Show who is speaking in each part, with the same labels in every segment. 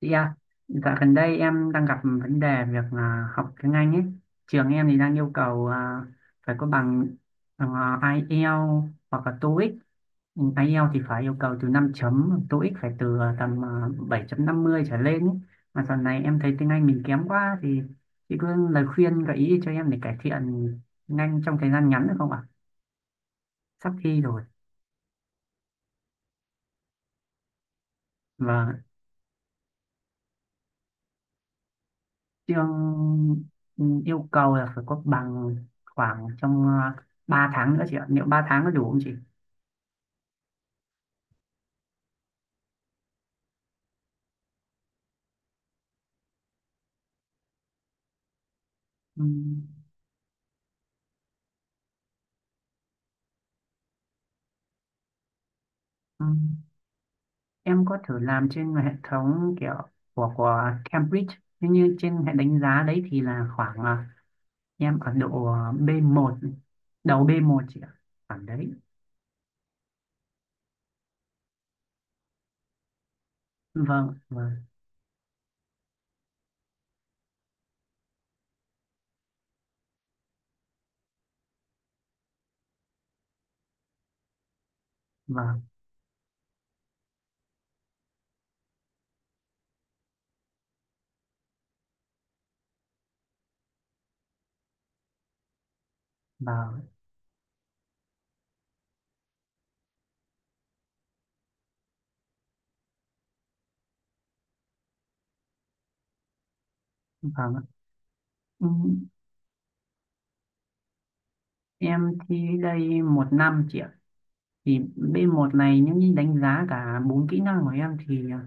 Speaker 1: Chị ạ, dạo gần đây em đang gặp vấn đề việc học tiếng Anh ấy. Trường em thì đang yêu cầu phải có bằng uh, IELTS hoặc là TOEIC. Ừ, IELTS thì phải yêu cầu từ 5 chấm, TOEIC phải từ tầm bảy chấm năm mươi trở lên ấy. Mà dạo này em thấy tiếng Anh mình kém quá thì chị có lời khuyên gợi ý cho em để cải thiện tiếng Anh trong thời gian ngắn được không ạ? Sắp thi rồi. Vâng. chương Yêu cầu là phải có bằng khoảng trong ờ, 3 tháng nữa chị ạ, liệu 3 tháng có đủ không chị? ừ, ừ. Em có thử làm trên hệ thống kiểu của Cambridge, nhưng như trên hệ đánh giá đấy thì là khoảng em ở độ B1, đầu B1 chị ạ, khoảng đấy. Vâng, vâng. Vâng, vâng. Vâng ạ. Ừ, em thi đây một năm chị ạ, thì B1 này nếu như đánh giá cả bốn kỹ năng của em thì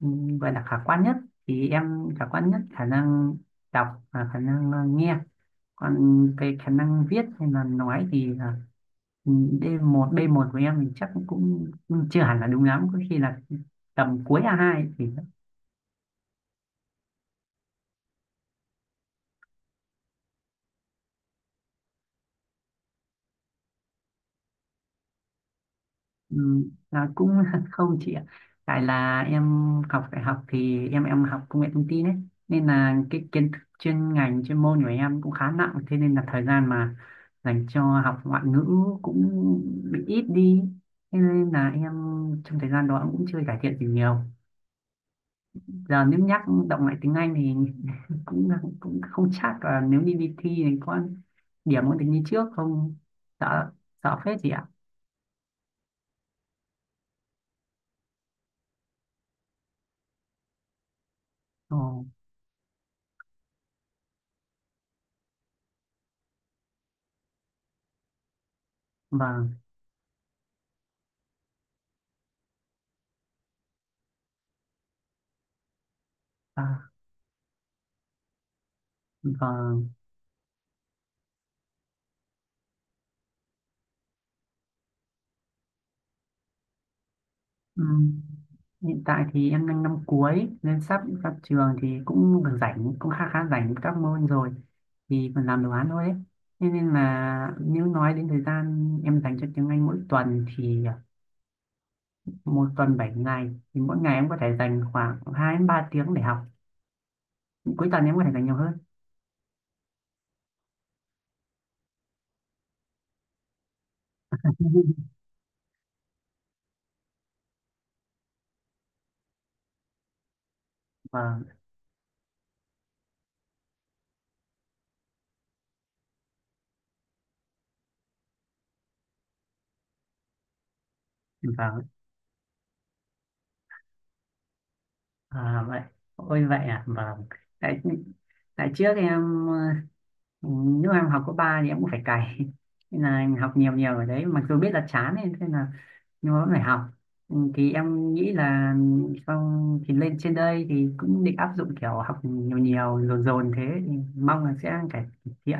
Speaker 1: Ừ, gọi là khả quan nhất, thì em khả quan nhất khả năng đọc và khả năng nghe, còn về khả năng viết hay là nói thì là, ừ, D1, b một của em thì chắc cũng cũng chưa hẳn là đúng lắm, có khi là tầm cuối a hai thì. Ừ, là cũng không chị ạ, tại là em học đại học thì em học công nghệ thông tin ấy, nên là cái kiến thức chuyên ngành chuyên môn của em cũng khá nặng, thế nên là thời gian mà dành cho học ngoại ngữ cũng bị ít đi, thế nên là em trong thời gian đó cũng chưa cải thiện gì nhiều. Giờ nếu nhắc động lại tiếng Anh thì cũng cũng không chắc là nếu đi đi thi thì có điểm có được như trước không, sợ, sợ phết chị ạ. Ồ. Vâng. À, vâng. Ừ. Hiện tại thì em đang năm cuối nên sắp ra trường thì cũng được rảnh, cũng khá khá rảnh các môn rồi, thì còn làm đồ án thôi ấy. Thế nên là nếu nói đến thời gian em dành cho tiếng Anh mỗi tuần thì một tuần 7 ngày thì mỗi ngày em có thể dành khoảng 2 đến 3 tiếng để học, cuối tuần em có thể dành nhiều hơn. Vâng, vâng. À, vậy, ôi vậy à, vâng. Tại tại trước em ờ, lúc em học cấp ba thì em cũng phải cày nên là em học nhiều nhiều ở đấy, mặc dù biết là chán ấy, thế là nhưng mà vẫn phải học. Ừ, thì em nghĩ là xong thì lên trên đây thì cũng định áp dụng kiểu học nhiều nhiều dồn dồn thế, thì mong là sẽ cải thiện.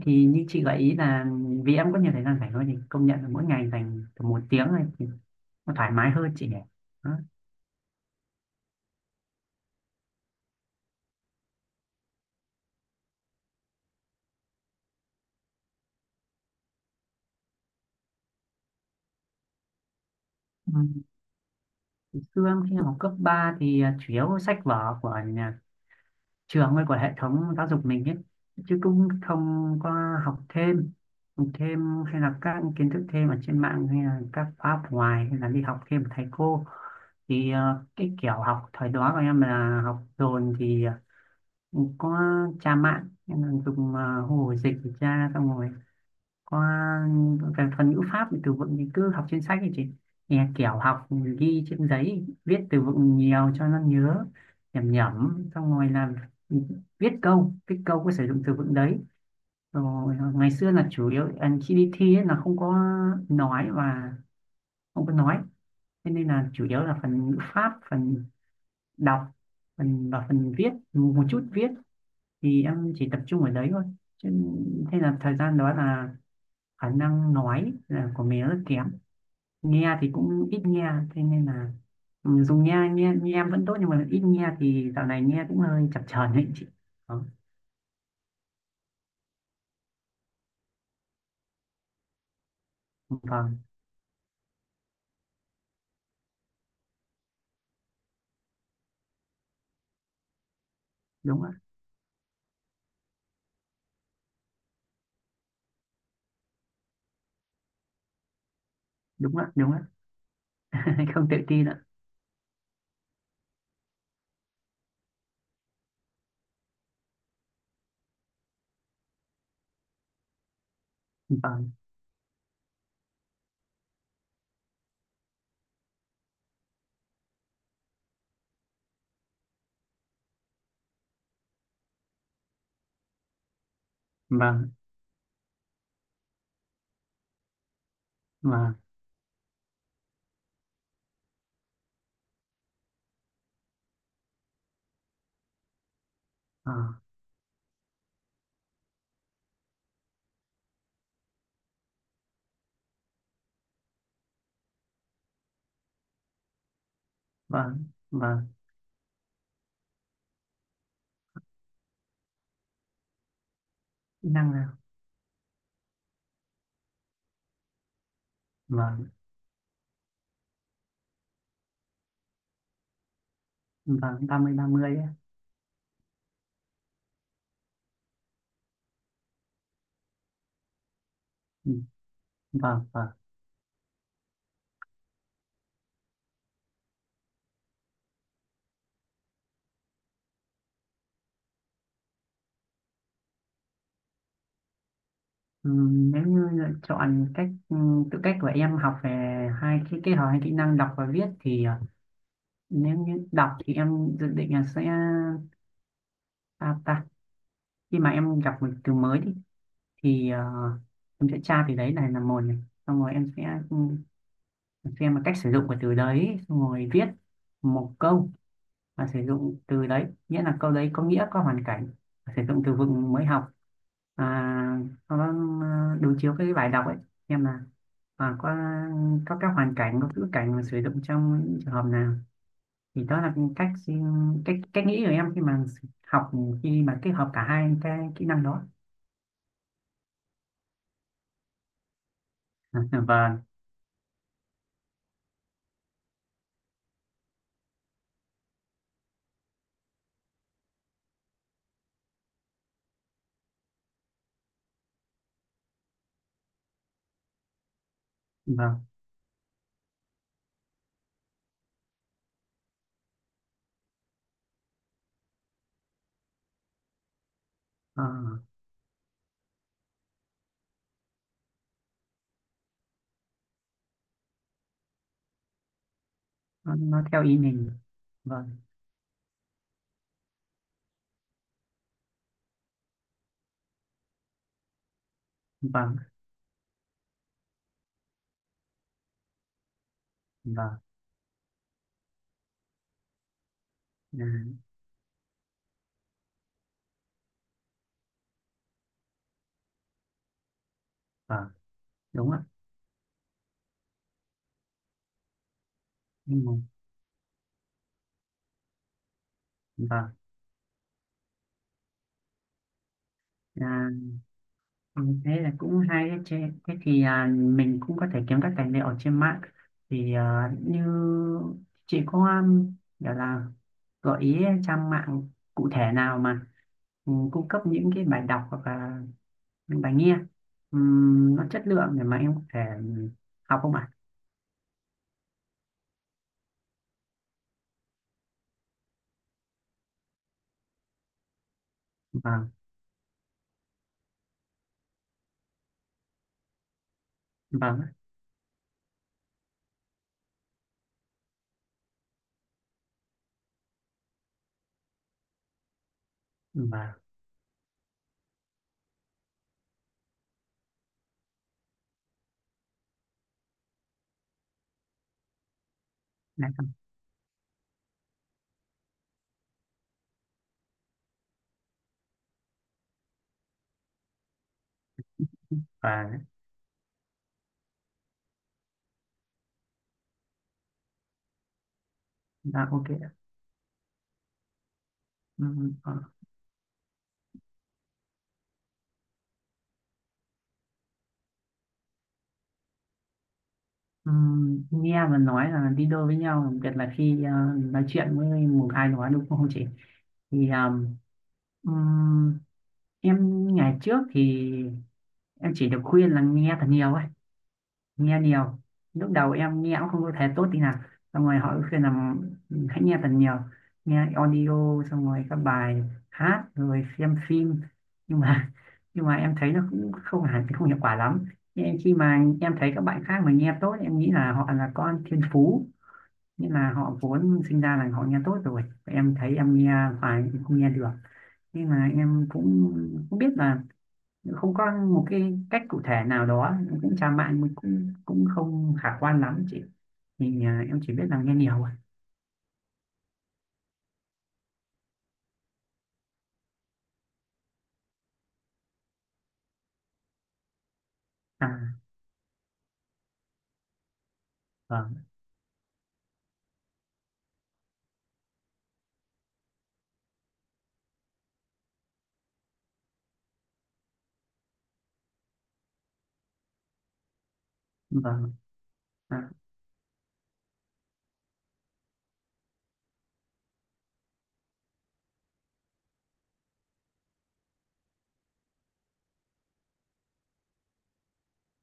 Speaker 1: Thì như chị gợi ý là vì em có nhiều thời gian rảnh thôi, thì công nhận là mỗi ngày dành tầm một tiếng này thì nó thoải mái hơn chị nhỉ. Đó. Ừ. Xương khi học cấp 3 thì chủ yếu sách vở của nhà trường hay của hệ thống giáo dục mình ấy, chứ cũng không có học thêm. Học thêm hay là các kiến thức thêm ở trên mạng hay là các khóa học ngoài hay là đi học thêm của thầy cô thì cái kiểu học thời đó của em là học dồn thì có tra mạng, em là dùng hồ dịch để tra, xong rồi còn về phần ngữ pháp thì từ vựng thì cứ học trên sách, thì chị nghe kiểu học ghi trên giấy, viết từ vựng nhiều cho nó nhớ, nhẩm nhẩm xong rồi là viết câu có sử dụng từ vựng đấy, rồi ngày xưa là chủ yếu khi đi thi ấy là không có nói, và không có nói, thế nên là chủ yếu là phần ngữ pháp, phần đọc, phần và phần viết, một chút viết thì em chỉ tập trung ở đấy thôi. Chứ, thế là thời gian đó là khả năng nói là của mình rất kém, nghe thì cũng ít nghe, thế nên là dùng nghe, nghe em vẫn tốt nhưng mà ít nghe thì dạo này nghe cũng hơi chập chờn đấy chị. Đó. Vâng. Đúng ạ, đúng ạ. Đúng ạ. Không tự tin ạ. Vâng, vâng, vâng. Ờ, vâng, vâng, kỹ năng nào. Vâng, vâng, ba mươi á. Ừ, vâng, vâng. Ừ, nếu như lựa chọn cách tự cách của em học về hai cái, kết hợp hai kỹ năng đọc và viết, thì nếu như đọc thì em dự định là sẽ, à, ta khi mà em gặp một từ mới thì em sẽ tra từ đấy này là một này, xong rồi em sẽ, xem là cách sử dụng của từ đấy, xong rồi viết một câu và sử dụng từ đấy, nghĩa là câu đấy có nghĩa, có hoàn cảnh sử dụng từ vựng mới học. à, Sau đó đối chiếu cái bài đọc ấy, xem là à, có có các hoàn cảnh, có ngữ cảnh mà sử dụng trong những trường hợp nào. Thì đó là cách cách cách nghĩ của em khi mà học, khi mà kết hợp cả hai cái kỹ năng đó. Vâng, vâng. Ờ, nó theo ý mình. Vâng, vâng, vâng. À, vâng. Đúng ạ. Anh Hùng. Vâng. à, ừ, Thế là cũng hay đấy chứ. Thế thì mình cũng có thể kiếm các tài liệu ở trên mạng, thì như chị có gọi là gợi ý trang mạng cụ thể nào mà cung cấp những cái bài đọc hoặc là những bài nghe, nó chất lượng để mà em có thể học không ạ? Vâng, vâng, vâng. Đấy. Vâng. Dạ, ok. Ừ. ờ, ừ, Nghe và nói là đi đôi với nhau, đặc biệt là khi nói chuyện với một ai đó đúng không chị? Thì ừm, em ngày trước thì em chỉ được khuyên là nghe thật nhiều ấy, nghe nhiều. Lúc đầu em nghe cũng không có thể tốt tí nào, xong rồi họ cứ khuyên là "Ừ, hãy nghe thật nhiều, nghe audio, xong rồi các bài hát, rồi xem phim", nhưng mà nhưng mà em thấy nó cũng không hẳn, không hiệu quả lắm. Nhưng khi mà em thấy các bạn khác mà nghe tốt, em nghĩ là họ là con thiên phú, nên là họ vốn sinh ra là họ nghe tốt rồi, em thấy em nghe, phải không nghe được. Nhưng mà em cũng cũng biết là không có một cái cách cụ thể nào đó, cũng chả mạng cũng cũng không khả quan lắm chị, thì em chỉ biết là nghe nhiều thôi. À, vâng, vâng. À,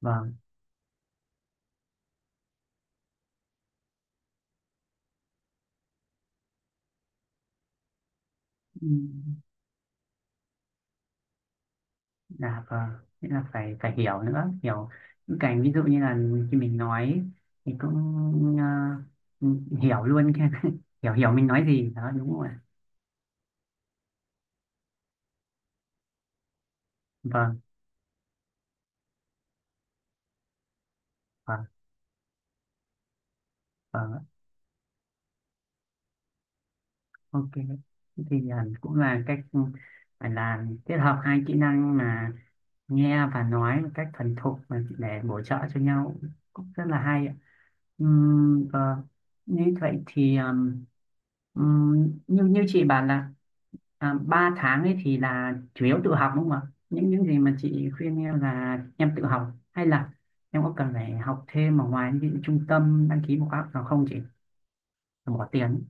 Speaker 1: vâng. ừ, dạ vâng. Nghĩa là phải phải hiểu nữa, hiểu những cái ví dụ như là khi mình nói thì cũng à, ừ, hiểu luôn cái hiểu hiểu mình nói gì đó đúng không ạ? Vâng, vâng, vâng. Ok, thì cũng là cách phải là kết hợp hai kỹ năng mà nghe và nói một cách thuần thục mà để bổ trợ cho nhau, cũng rất là hay ạ. Vâng. Như vậy thì như như chị bảo là ba tháng ấy thì là chủ yếu tự học đúng không ạ? Những gì mà chị khuyên em là em tự học hay là em có cần phải học thêm ở ngoài, những trung tâm đăng ký một khóa học nào không chị? Bỏ tiền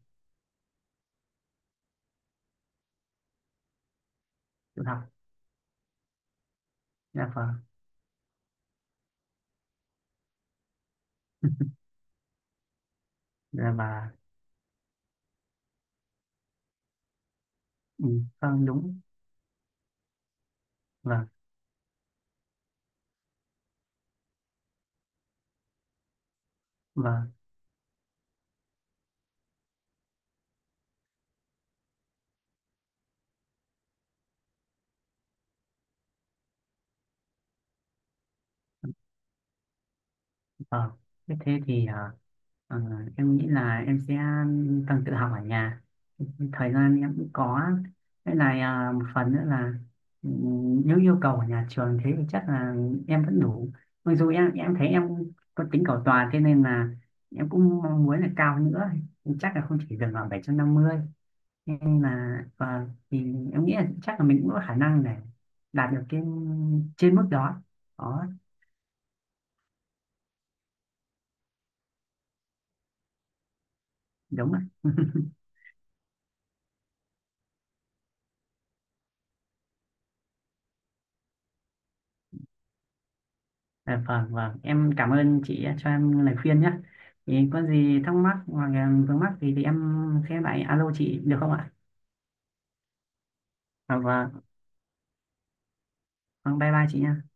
Speaker 1: tự học. Dạ vâng. Dạ, và. Ừ, vâng, đúng. và và ờ. Thế thế thì ờ, em nghĩ là em sẽ cần tự học ở nhà, thời gian em cũng có. Thế này, một phần nữa là ừ, nếu yêu cầu ở nhà trường thế thì chắc là em vẫn đủ, mặc dù em thấy em có tính cầu toàn, thế nên là em cũng mong muốn là cao nữa, chắc là không chỉ dừng ở bảy trăm năm mươi, nhưng mà thì em nghĩ là chắc là mình cũng có khả năng để đạt được cái trên mức đó. Đó. Đúng ạ. Dạ, vâng, vâng, em cảm ơn chị cho em lời khuyên nhé, thì có gì thắc mắc hoặc là vướng mắc thì em sẽ lại alo chị được không ạ? Dạ, vâng, vâng, bye bye chị nha.